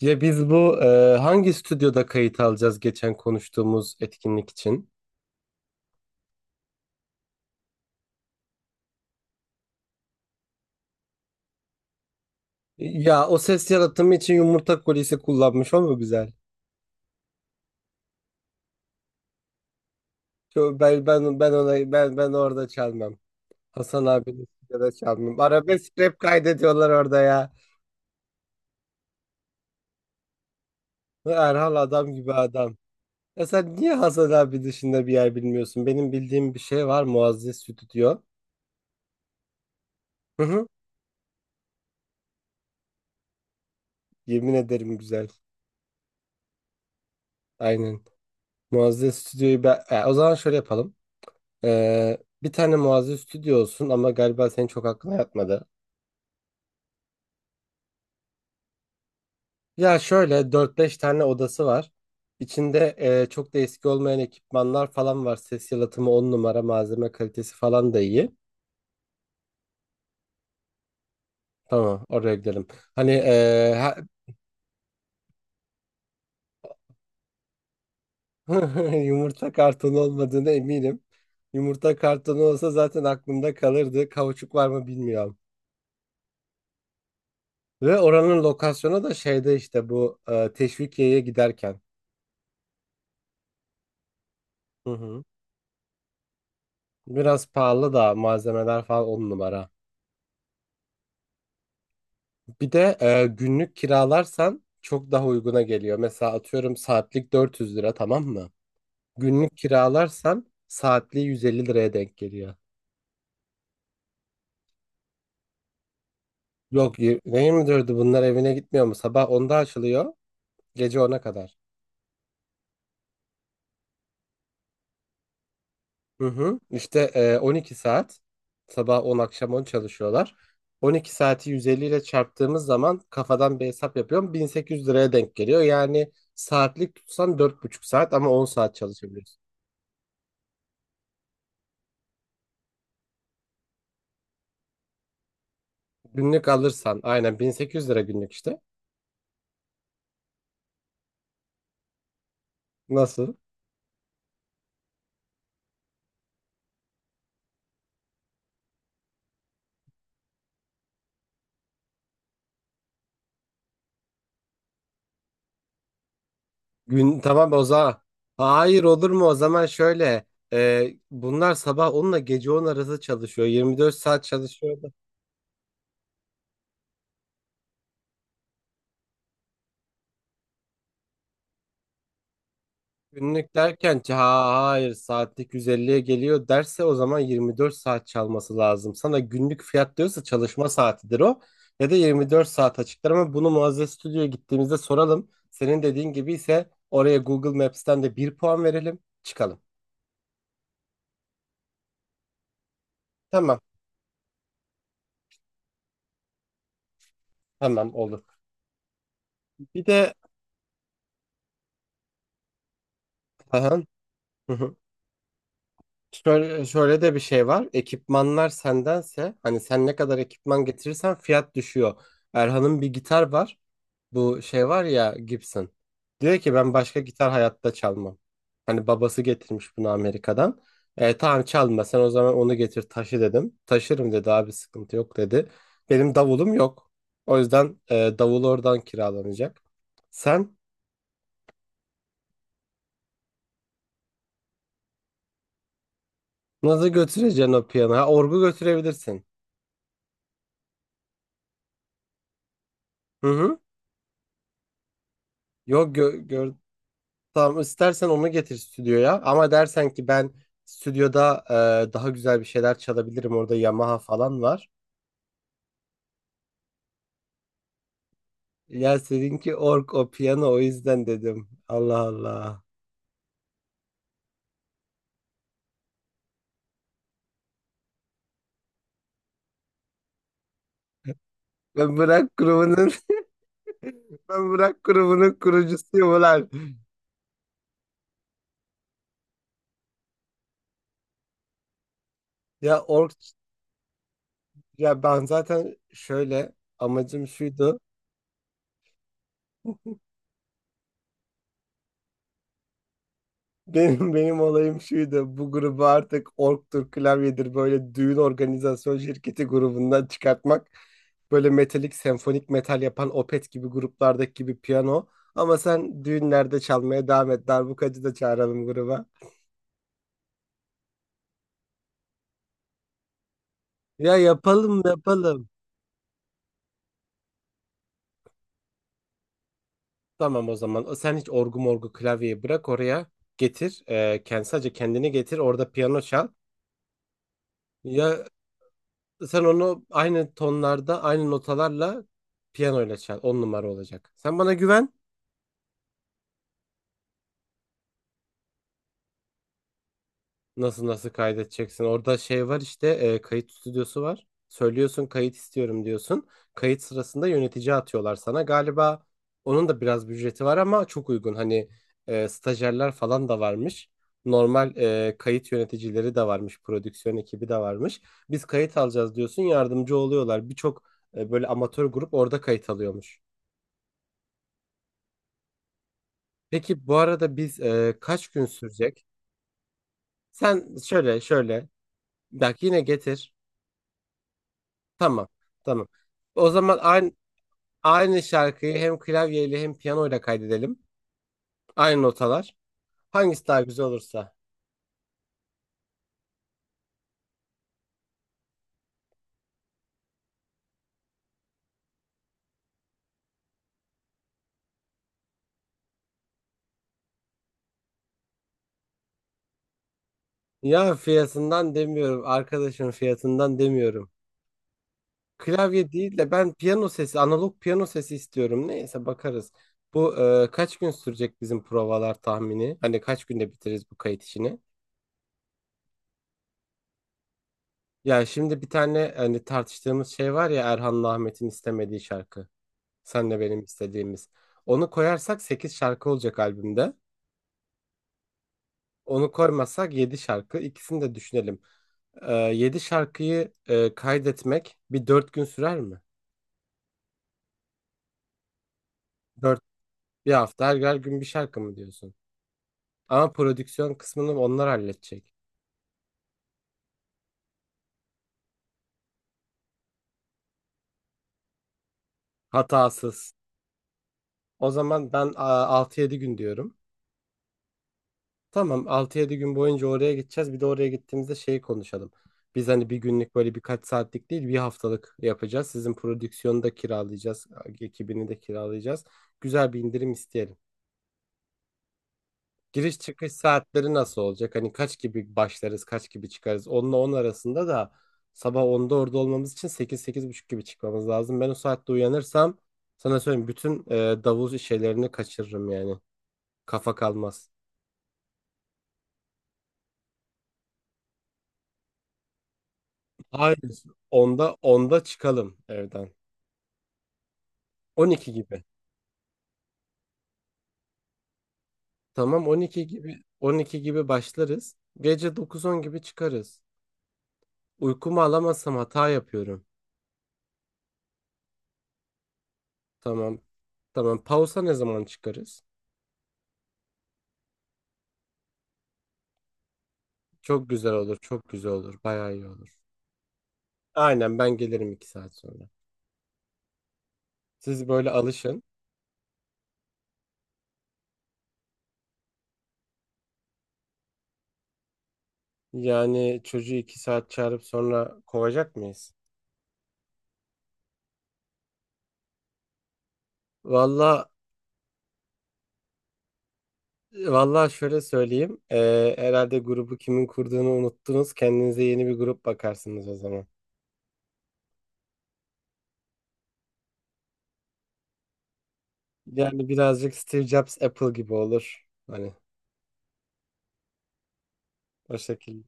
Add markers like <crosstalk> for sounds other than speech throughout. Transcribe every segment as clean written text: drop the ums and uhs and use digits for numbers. Ya biz hangi stüdyoda kayıt alacağız geçen konuştuğumuz etkinlik için? Ya o ses yaratımı için yumurta kolisi kullanmış, o mu güzel? Şu- Ben ben ben ona ben ben orada çalmam. Hasan abinin stüdyoda çalmam. Arabesk rap kaydediyorlar orada ya. Erhal adam gibi adam. Ya sen niye Hasan abi dışında bir yer bilmiyorsun? Benim bildiğim bir şey var, Muazzez Stüdyo. Hı hı. Yemin ederim güzel. Aynen. Muazzez Stüdyo'yu ben... O zaman şöyle yapalım. Bir tane Muazzez Stüdyo olsun, ama galiba senin çok aklına yatmadı. Ya şöyle dört beş tane odası var. İçinde çok da eski olmayan ekipmanlar falan var. Ses yalıtımı 10 numara, malzeme kalitesi falan da iyi. Tamam, oraya gidelim. Hani e, ha- <laughs> Yumurta kartonu olmadığına eminim. Yumurta kartonu olsa zaten aklımda kalırdı. Kauçuk var mı bilmiyorum. Ve oranın lokasyonu da şeyde, işte Teşvikiye'ye giderken. Hı hı. Biraz pahalı da, malzemeler falan on numara. Bir de günlük kiralarsan çok daha uyguna geliyor. Mesela atıyorum, saatlik 400 lira, tamam mı? Günlük kiralarsan saatliği 150 liraya denk geliyor. Yok, ne 24'ü, bunlar evine gitmiyor mu? Sabah onda açılıyor. Gece 10'a kadar. Hı hı. İşte 12 saat, sabah 10 akşam 10 çalışıyorlar. 12 saati 150 ile çarptığımız zaman, kafadan bir hesap yapıyorum, 1800 liraya denk geliyor. Yani saatlik tutsan dört buçuk saat, ama 10 saat çalışabiliyorsun. Günlük alırsan aynen 1800 lira günlük işte. Nasıl? Gün, tamam o zaman. Hayır, olur mu? O zaman şöyle, bunlar sabah 10 ile gece 10 arası çalışıyor. 24 saat çalışıyor. Günlük derken ki, ha hayır, saatlik 150'ye geliyor derse, o zaman 24 saat çalması lazım. Sana günlük fiyat diyorsa çalışma saatidir o, ya da 24 saat açıklar. Ama bunu Muazzez Stüdyo'ya gittiğimizde soralım. Senin dediğin gibi ise oraya Google Maps'ten de bir puan verelim, çıkalım. Tamam, tamam olur. Bir de aha, hı hı. Şöyle, şöyle de bir şey var, ekipmanlar sendense, hani sen ne kadar ekipman getirirsen fiyat düşüyor. Erhan'ın bir gitar var. Bu şey var ya, Gibson. Diyor ki, ben başka gitar hayatta çalmam. Hani babası getirmiş bunu Amerika'dan. E, tamam, çalma sen o zaman, onu getir, taşı dedim. Taşırım dedi, abi sıkıntı yok dedi. Benim davulum yok. O yüzden davul oradan kiralanacak. Sen nasıl götüreceksin o piyano? Ha, orgu götürebilirsin. Hı hı. Yok gö gör Tamam, istersen onu getir stüdyoya. Ama dersen ki, ben stüdyoda daha güzel bir şeyler çalabilirim, orada Yamaha falan var. Ya seninki org, o piyano, o yüzden dedim. Allah Allah. Ben Bırak grubunun <laughs> Ben Bırak grubunun kurucusuyum ulan. Ya org ya ben zaten şöyle Amacım şuydu. <laughs> Benim olayım şuydu. Bu grubu artık orgtur klavyedir böyle düğün organizasyon şirketi grubundan çıkartmak. Böyle metalik, senfonik metal yapan Opet gibi gruplardaki gibi piyano. Ama sen düğünlerde çalmaya devam et. Darbukacı da çağıralım gruba. Ya yapalım yapalım. Tamam o zaman. Sen hiç orgu morgu klavyeyi bırak oraya. Getir. E, kendi, sadece kendini getir. Orada piyano çal. Ya sen onu aynı tonlarda, aynı notalarla piyanoyla çal. On numara olacak. Sen bana güven. Nasıl, nasıl kaydedeceksin? Orada şey var işte, kayıt stüdyosu var. Söylüyorsun, kayıt istiyorum diyorsun. Kayıt sırasında yönetici atıyorlar sana. Galiba onun da biraz bir ücreti var, ama çok uygun. Hani stajyerler falan da varmış. Normal kayıt yöneticileri de varmış. Prodüksiyon ekibi de varmış. Biz kayıt alacağız diyorsun, yardımcı oluyorlar. Birçok böyle amatör grup orada kayıt alıyormuş. Peki bu arada biz kaç gün sürecek? Sen şöyle şöyle Bak, yine getir. Tamam. Tamam. O zaman aynı şarkıyı hem klavyeyle hem piyanoyla kaydedelim. Aynı notalar. Hangisi daha güzel olursa. Ya fiyatından demiyorum. Arkadaşın fiyatından demiyorum. Klavye değil de ben piyano sesi, analog piyano sesi istiyorum. Neyse bakarız. Bu Kaç gün sürecek bizim provalar tahmini? Hani kaç günde bitiririz bu kayıt işini? Ya şimdi bir tane, hani tartıştığımız şey var ya, Erhan'la Ahmet'in istemediği şarkı. Senle benim istediğimiz. Onu koyarsak 8 şarkı olacak albümde. Onu koymazsak 7 şarkı. İkisini de düşünelim. 7 şarkıyı kaydetmek bir 4 gün sürer mi? Dört, Bir hafta, her gün bir şarkı mı diyorsun? Ama prodüksiyon kısmını onlar halledecek. Hatasız. O zaman ben altı yedi gün diyorum. Tamam, altı yedi gün boyunca oraya gideceğiz. Bir de oraya gittiğimizde şeyi konuşalım. Biz hani bir günlük böyle birkaç saatlik değil, bir haftalık yapacağız. Sizin prodüksiyonu da kiralayacağız. Ekibini de kiralayacağız. Güzel bir indirim isteyelim. Giriş çıkış saatleri nasıl olacak? Hani kaç gibi başlarız, kaç gibi çıkarız? Onla 10 arasında da, sabah onda orada olmamız için sekiz sekiz buçuk gibi çıkmamız lazım. Ben o saatte uyanırsam, sana söyleyeyim, bütün davul şeylerini kaçırırım yani. Kafa kalmaz. Hayır. Onda çıkalım evden. 12 gibi. Tamam, 12 gibi başlarız. Gece 9-10 gibi çıkarız. Uykumu alamazsam hata yapıyorum. Tamam. Tamam. Pausa ne zaman çıkarız? Çok güzel olur. Çok güzel olur. Bayağı iyi olur. Aynen, ben gelirim 2 saat sonra. Siz böyle alışın. Yani çocuğu 2 saat çağırıp sonra kovacak mıyız? Valla Valla şöyle söyleyeyim. Herhalde grubu kimin kurduğunu unuttunuz. Kendinize yeni bir grup bakarsınız o zaman. Yani birazcık Steve Jobs Apple gibi olur. Hani o şekilde.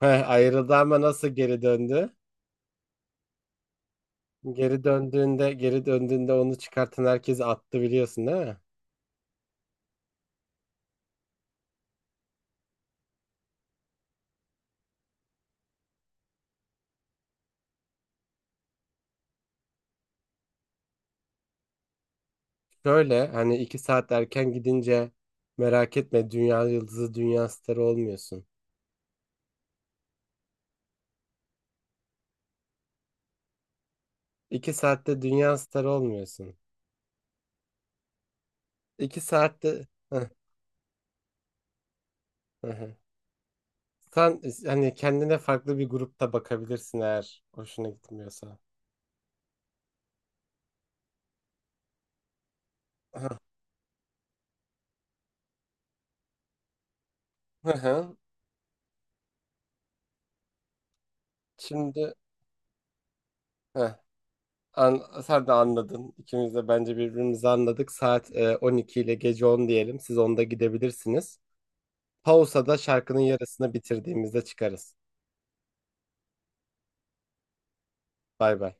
Heh, ayrıldı ama nasıl geri döndü? Geri döndüğünde onu çıkartan herkesi attı, biliyorsun değil mi? Şöyle, hani iki saat erken gidince merak etme, dünya yıldızı dünya starı olmuyorsun. İki saatte dünya starı olmuyorsun. İki saatte Heh, hı hı. Sen hani kendine farklı bir grupta bakabilirsin eğer hoşuna gitmiyorsa. Hı hı. Şimdi Heh. An, sen de anladın. İkimiz de bence birbirimizi anladık. Saat 12 ile gece 10 diyelim. Siz onda gidebilirsiniz. Pausa'da şarkının yarısını bitirdiğimizde çıkarız. Bay bay.